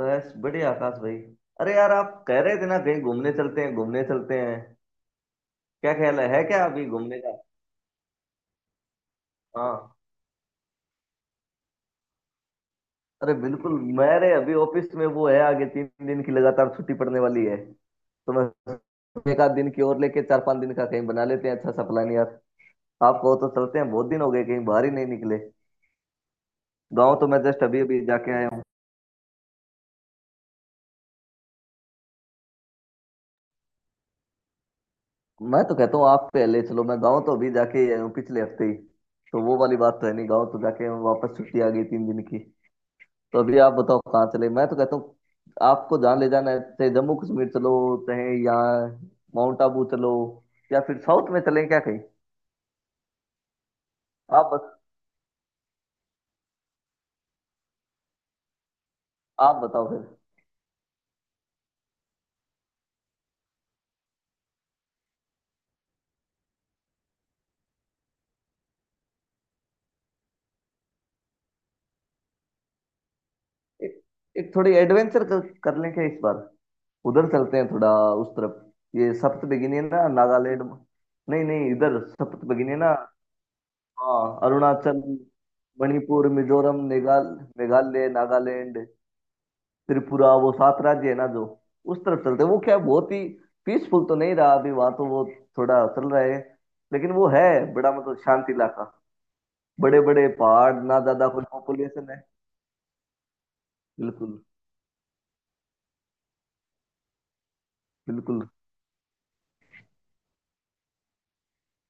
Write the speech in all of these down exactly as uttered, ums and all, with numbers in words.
बस बढ़िया आकाश भाई। अरे यार, आप कह रहे थे ना कहीं घूमने चलते हैं, घूमने चलते हैं। क्या ख्याल है, है क्या अभी घूमने का? हाँ, अरे बिल्कुल। मेरे अभी ऑफिस में वो है, आगे तीन दिन की लगातार छुट्टी पड़ने वाली है, तो मैं एक आध दिन की और लेके चार पांच दिन का कहीं बना लेते हैं अच्छा सा प्लान यार। आप कहो तो चलते हैं, बहुत दिन हो गए कहीं बाहर ही नहीं निकले। गाँव तो मैं जस्ट अभी अभी जाके आया हूँ। मैं तो कहता हूँ आप पहले चलो, मैं गाँव तो अभी जाके ही आया हूँ पिछले हफ्ते ही, तो वो वाली बात तो है नहीं। गाँव तो जाके वापस छुट्टी आ गई तीन दिन की, तो अभी आप बताओ कहाँ चले मैं तो कहता हूँ आपको जहाँ ले जाना है, चाहे जम्मू कश्मीर चलो, चाहे यहाँ माउंट आबू चलो, या फिर साउथ में चलें क्या कहीं। आप बस आप बताओ फिर। एक, एक थोड़ी एडवेंचर कर, कर लें क्या इस बार। उधर चलते हैं थोड़ा, उस तरफ। ये सप्त है ना, नागालैंड। नहीं नहीं, इधर सप्त, है ना। हाँ, अरुणाचल, मणिपुर, मिजोरम, मेघाल मेघालय, नागालैंड, त्रिपुरा, वो सात राज्य है ना जो। उस तरफ चलते हैं। वो क्या बहुत ही पीसफुल तो नहीं रहा अभी वहां, तो वो थोड़ा चल रहा है, लेकिन वो है बड़ा मतलब शांति इलाका, बड़े बड़े पहाड़, ना ज्यादा कोई पॉपुलेशन है। बिल्कुल। बिल्कुल।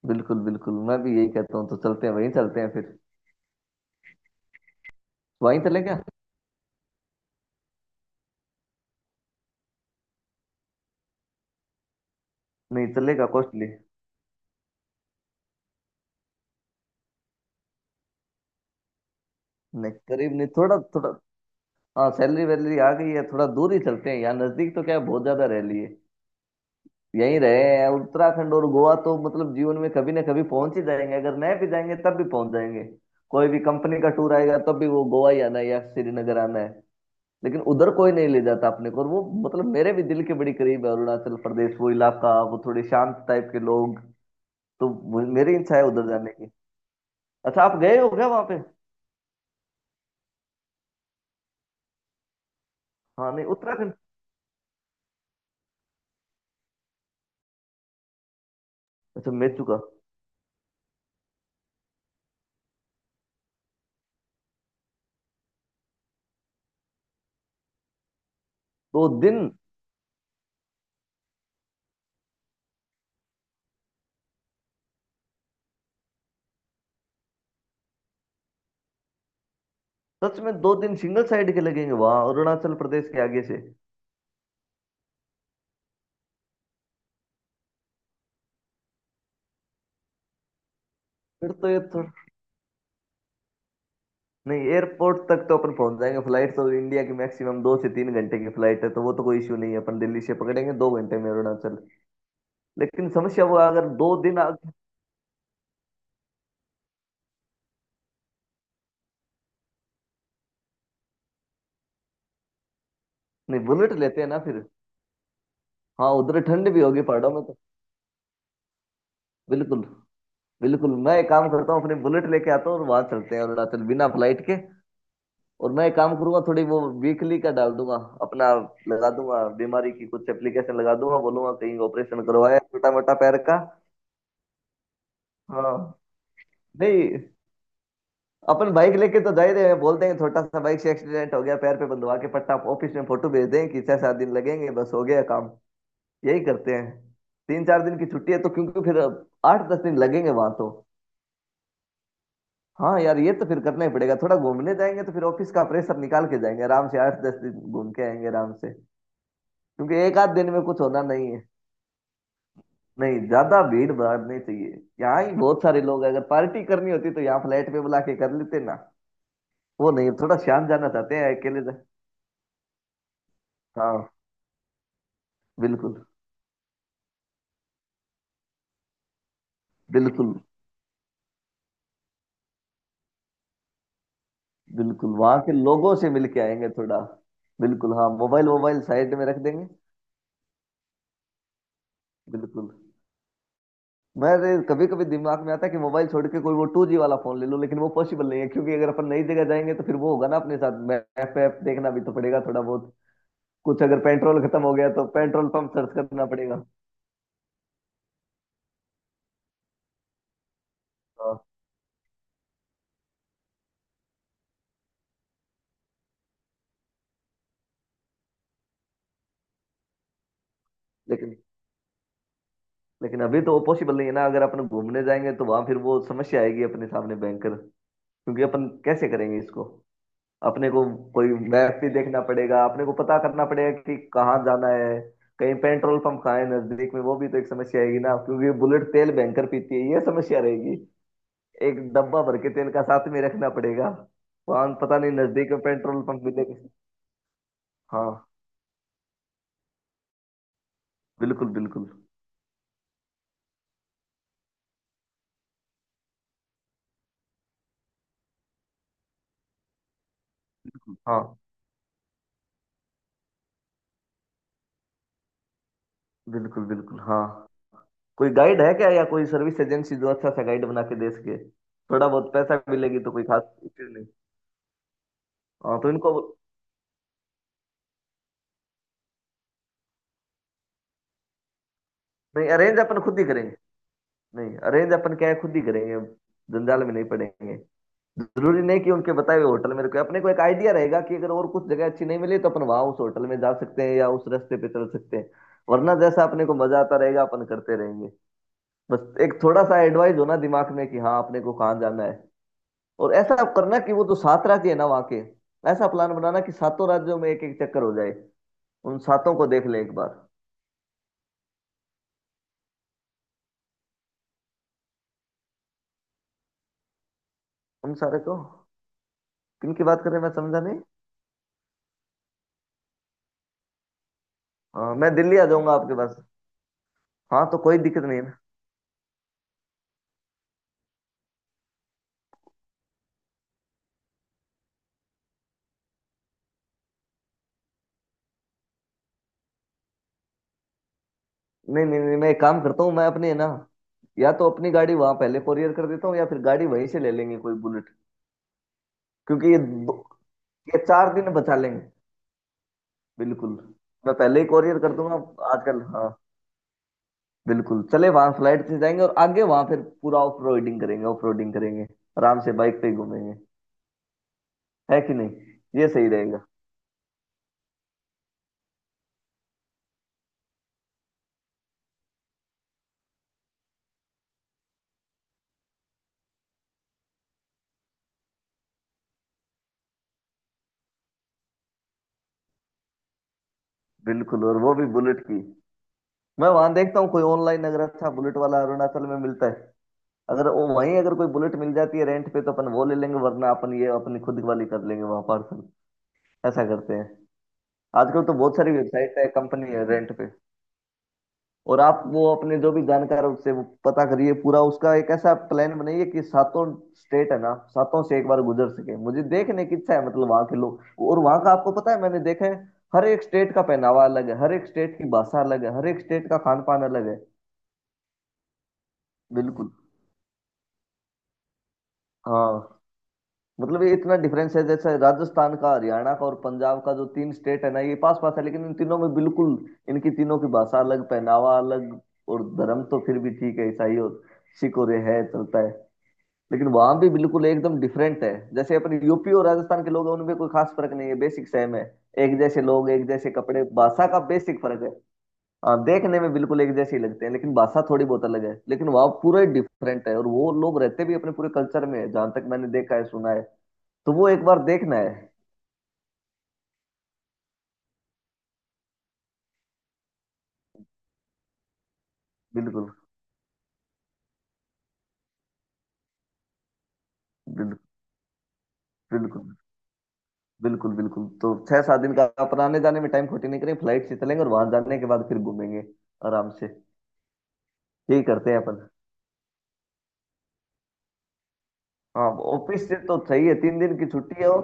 बिल्कुल। बिल्कुल मैं भी यही कहता हूँ, तो चलते हैं वहीं, चलते हैं फिर। वहीं चले क्या? नहीं चलेगा कॉस्टली। नहीं करीब नहीं, थोड़ा थोड़ा। हाँ सैलरी वैलरी आ गई है, थोड़ा दूर ही चलते हैं। यहाँ नजदीक तो क्या है, बहुत ज्यादा रह लिए, यहीं रहे हैं। उत्तराखंड और गोवा तो मतलब जीवन में कभी ना कभी पहुंच ही जाएंगे, अगर नहीं भी जाएंगे तब भी पहुंच जाएंगे। कोई भी कंपनी का टूर आएगा तब भी वो गोवा ही आना है या श्रीनगर आना है, लेकिन उधर कोई नहीं ले जाता अपने को। और वो मतलब मेरे भी दिल के बड़ी करीब है अरुणाचल प्रदेश, वो इलाका, वो थोड़े शांत टाइप के लोग तो। मु- मेरी इच्छा है उधर जाने की। अच्छा आप गए हो क्या वहां पे? हाँ, नहीं उत्तराखंड। अच्छा, मैं चुका। दो दिन? सच में दो दिन सिंगल साइड के लगेंगे वहां अरुणाचल प्रदेश के आगे से? फिर तो ये थोड़ा, नहीं एयरपोर्ट तक तो अपन पहुंच जाएंगे, फ्लाइट तो इंडिया की मैक्सिमम दो से तीन घंटे की फ्लाइट है, तो वो तो कोई इश्यू नहीं है, अपन दिल्ली से पकड़ेंगे दो घंटे में अरुणाचल। लेकिन समस्या वो अगर दो दिन आगे। नहीं, बुलेट लेते हैं ना फिर। हाँ, उधर ठंड भी होगी पहाड़ों में तो। बिल्कुल। बिल्कुल मैं एक काम करता हूँ, अपनी बुलेट लेके आता हूँ और वहां चलते हैं अरुणाचल, बिना फ्लाइट के। और मैं एक काम करूंगा, थोड़ी वो वीकली का डाल दूंगा अपना, लगा दूंगा बीमारी की कुछ एप्लीकेशन लगा दूंगा, बोलूंगा कहीं ऑपरेशन करवाया छोटा मोटा पैर का। हाँ। नहीं, अपन बाइक लेके तो जाए रहे हैं, बोलते हैं छोटा सा बाइक से एक्सीडेंट हो गया, पैर पे बंधवा के पट्टा ऑफिस में फोटो भेज दें कि छह सात दिन लगेंगे, बस हो गया काम। यही करते हैं, तीन चार दिन की छुट्टी है तो, क्योंकि फिर आठ दस दिन लगेंगे वहां तो। हाँ यार, ये तो फिर करना ही पड़ेगा, थोड़ा घूमने जाएंगे तो फिर ऑफिस का प्रेशर निकाल के जाएंगे आराम से, आठ दस दिन घूम के आएंगे आराम से। क्योंकि एक आध दिन में कुछ होना नहीं है। नहीं, ज्यादा भीड़ भाड़ नहीं चाहिए। यहाँ ही बहुत सारे लोग हैं। अगर पार्टी करनी होती तो यहाँ फ्लैट पे बुला के कर लेते ना। वो नहीं, थोड़ा शांत जाना चाहते हैं अकेले जा- हाँ। बिल्कुल। बिल्कुल। बिल्कुल वहां के लोगों से मिल के आएंगे थोड़ा। बिल्कुल, हाँ मोबाइल मोबाइल साइड में रख देंगे। बिल्कुल। मेरे कभी कभी दिमाग में आता है कि मोबाइल छोड़ के कोई वो टू जी वाला फोन ले लो, लेकिन वो पॉसिबल नहीं है, क्योंकि अगर अपन नई जगह जाएंगे तो फिर वो होगा ना अपने साथ, मैप ऐप देखना भी तो पड़ेगा थोड़ा बहुत, कुछ अगर पेट्रोल खत्म हो गया तो पेट्रोल पंप सर्च करना पड़ेगा। हाँ, लेकिन, लेकिन अभी तो वो पॉसिबल नहीं है ना, अगर अपन घूमने जाएंगे तो वहां फिर वो समस्या आएगी अपने सामने भयंकर। क्योंकि अपन कैसे करेंगे इसको, अपने को कोई मैप भी देखना पड़ेगा, अपने को पता करना पड़ेगा कि कहाँ जाना है, कहीं पेट्रोल पंप कहाँ है नजदीक में, वो भी तो एक समस्या आएगी ना, क्योंकि बुलेट तेल भयंकर पीती है, ये समस्या रहेगी। एक डब्बा भर के तेल का साथ में रखना पड़ेगा, वहां पता नहीं नजदीक में पेट्रोल पंप मिलेगा। हाँ। बिल्कुल बिल्कुल, हाँ। बिल्कुल बिल्कुल, हाँ। कोई गाइड है क्या या कोई सर्विस एजेंसी जो अच्छा सा गाइड बना के दे सके? थोड़ा बहुत पैसा मिलेगी तो कोई खास इश्यू नहीं। हाँ, तो इनको, नहीं अरेंज अपन खुद ही करेंगे। नहीं अरेंज अपन क्या है खुद ही करेंगे, जंजाल में नहीं पड़ेंगे। जरूरी नहीं कि उनके बताए हुए होटल में रुके, अपने को एक आइडिया रहेगा कि अगर और कुछ जगह अच्छी नहीं मिली तो अपन वहां उस होटल में जा सकते हैं या उस रास्ते पे चल सकते हैं। वरना जैसा अपने को मजा आता रहेगा अपन करते रहेंगे। बस एक थोड़ा सा एडवाइस होना दिमाग में कि हाँ, अपने को कहाँ जाना है। और ऐसा आप करना कि वो जो सात राज्य है ना वहाँ के, ऐसा प्लान बनाना कि सातों राज्यों में एक एक चक्कर हो जाए, उन सातों को देख ले एक बार। उन सारे को, किन की बात कर रहे हैं, मैं समझा नहीं। हाँ, मैं दिल्ली आ जाऊंगा आपके पास। हाँ तो कोई दिक्कत नहीं है ना। नहीं नहीं नहीं, मैं एक काम करता हूँ, मैं अपनी है ना, या तो अपनी गाड़ी वहां पहले कोरियर कर देता हूँ, या फिर गाड़ी वहीं से ले लेंगे कोई बुलेट। क्योंकि ये दो, ये चार दिन बचा लेंगे। बिल्कुल, मैं पहले ही कोरियर कर दूंगा आजकल। हाँ बिल्कुल, चले वहां, फ्लाइट से जाएंगे और आगे वहां फिर पूरा ऑफ रोडिंग करेंगे, ऑफ रोडिंग करेंगे। आराम से बाइक पे ही घूमेंगे, है कि नहीं? ये सही रहेगा। बिल्कुल, और वो भी बुलेट की। मैं वहां देखता हूँ कोई ऑनलाइन अगर अच्छा बुलेट वाला अरुणाचल में मिलता है, अगर वो वहीं अगर कोई बुलेट मिल जाती है रेंट पे तो अपन वो ले लेंगे, वरना अपन ये अपनी खुद वाली कर लेंगे वहां पार्सल। ऐसा करते हैं, आजकल तो बहुत सारी वेबसाइट है, कंपनी है रेंट पे। और आप वो अपने जो भी जानकार है उससे वो पता करिए, पूरा उसका एक ऐसा प्लान बनाइए कि सातों स्टेट है ना, सातों से एक बार गुजर सके, मुझे देखने की इच्छा है। मतलब वहां के लोग, और वहां का आपको पता है, मैंने देखा है हर एक स्टेट का पहनावा अलग है, हर एक स्टेट की भाषा अलग है, हर एक स्टेट का खान पान अलग है। बिल्कुल, हाँ मतलब ये इतना डिफरेंस है जैसे राजस्थान का, हरियाणा का और पंजाब का, जो तीन स्टेट है ना ये पास पास है, लेकिन इन तीनों में बिल्कुल, इनकी तीनों की भाषा अलग, पहनावा अलग। और धर्म तो फिर भी ठीक है, ईसाई और सिख और ये है, चलता है। लेकिन वहां भी बिल्कुल एकदम डिफरेंट है, जैसे अपने यूपी और राजस्थान के लोग हैं उनमें कोई खास फर्क नहीं है, बेसिक सेम है, एक जैसे लोग, एक जैसे कपड़े, भाषा का बेसिक फर्क है। हाँ देखने में बिल्कुल एक जैसे ही लगते हैं, लेकिन भाषा थोड़ी बहुत अलग है, लेकिन वहाँ पूरा डिफरेंट है, और वो लोग रहते भी अपने पूरे कल्चर में है जहां तक मैंने देखा है, सुना है, तो वो एक बार देखना है। बिल्कुल। बिल्कुल। बिल्कुल। बिल्कुल। बिल्कुल तो छह सात दिन का अपन आने जाने में टाइम खोटी नहीं करेंगे, फ्लाइट से चलेंगे और वहां जाने के बाद फिर घूमेंगे आराम से। यही करते हैं अपन। हाँ, ऑफिस से तो सही है, तीन दिन की छुट्टी है और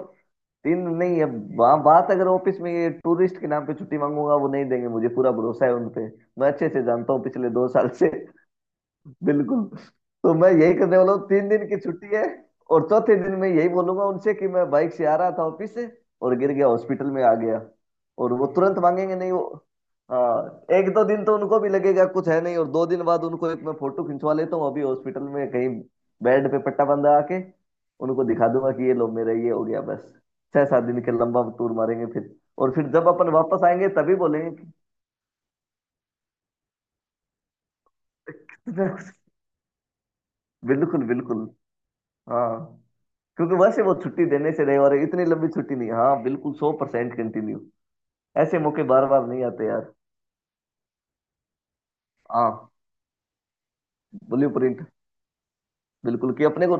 तीन नहीं है। बा, बात अगर ऑफिस में ये टूरिस्ट के नाम पे छुट्टी मांगूंगा, वो नहीं देंगे, मुझे पूरा भरोसा है उन पे, मैं अच्छे से जानता हूँ पिछले दो साल से। बिल्कुल, तो मैं यही करने वाला हूँ। तीन दिन की छुट्टी है, और चौथे दिन मैं यही बोलूंगा उनसे कि मैं बाइक से आ रहा था ऑफिस से और गिर गया, हॉस्पिटल में आ गया, और वो तुरंत मांगेंगे नहीं वो। हाँ एक दो दिन तो उनको भी लगेगा कुछ है नहीं, और दो दिन बाद उनको एक मैं फोटो खिंचवा लेता हूँ अभी हॉस्पिटल में कहीं, बेड पे पट्टा बंधा आके उनको दिखा दूंगा कि ये लो मेरा ये हो गया, बस छह सात दिन के लंबा टूर मारेंगे फिर, और फिर जब अपन वापस आएंगे तभी बोलेंगे कि कितना। बिल्कुल बिल्कुल, हाँ। क्योंकि वैसे वो छुट्टी देने से रहे, और इतनी लंबी छुट्टी नहीं। हाँ बिल्कुल, सौ परसेंट कंटिन्यू। ऐसे मौके बार बार नहीं आते यार। हाँ, ब्लू प्रिंट। बिल्कुल, कि अपने को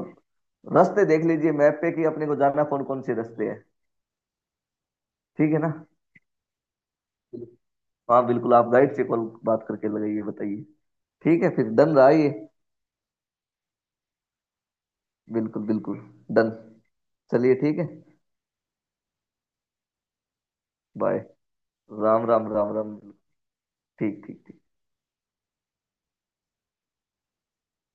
रास्ते देख लीजिए मैप पे, कि अपने को जाना कौन कौन से रास्ते हैं। ठीक है ना। हाँ बिल्कुल, आप गाइड से कॉल बात करके लगाइए, बताइए। ठीक है फिर, डन रहा ये। बिल्कुल बिल्कुल। डन। चलिए ठीक है। बाय। राम राम, राम राम। ठीक ठीक ठीक।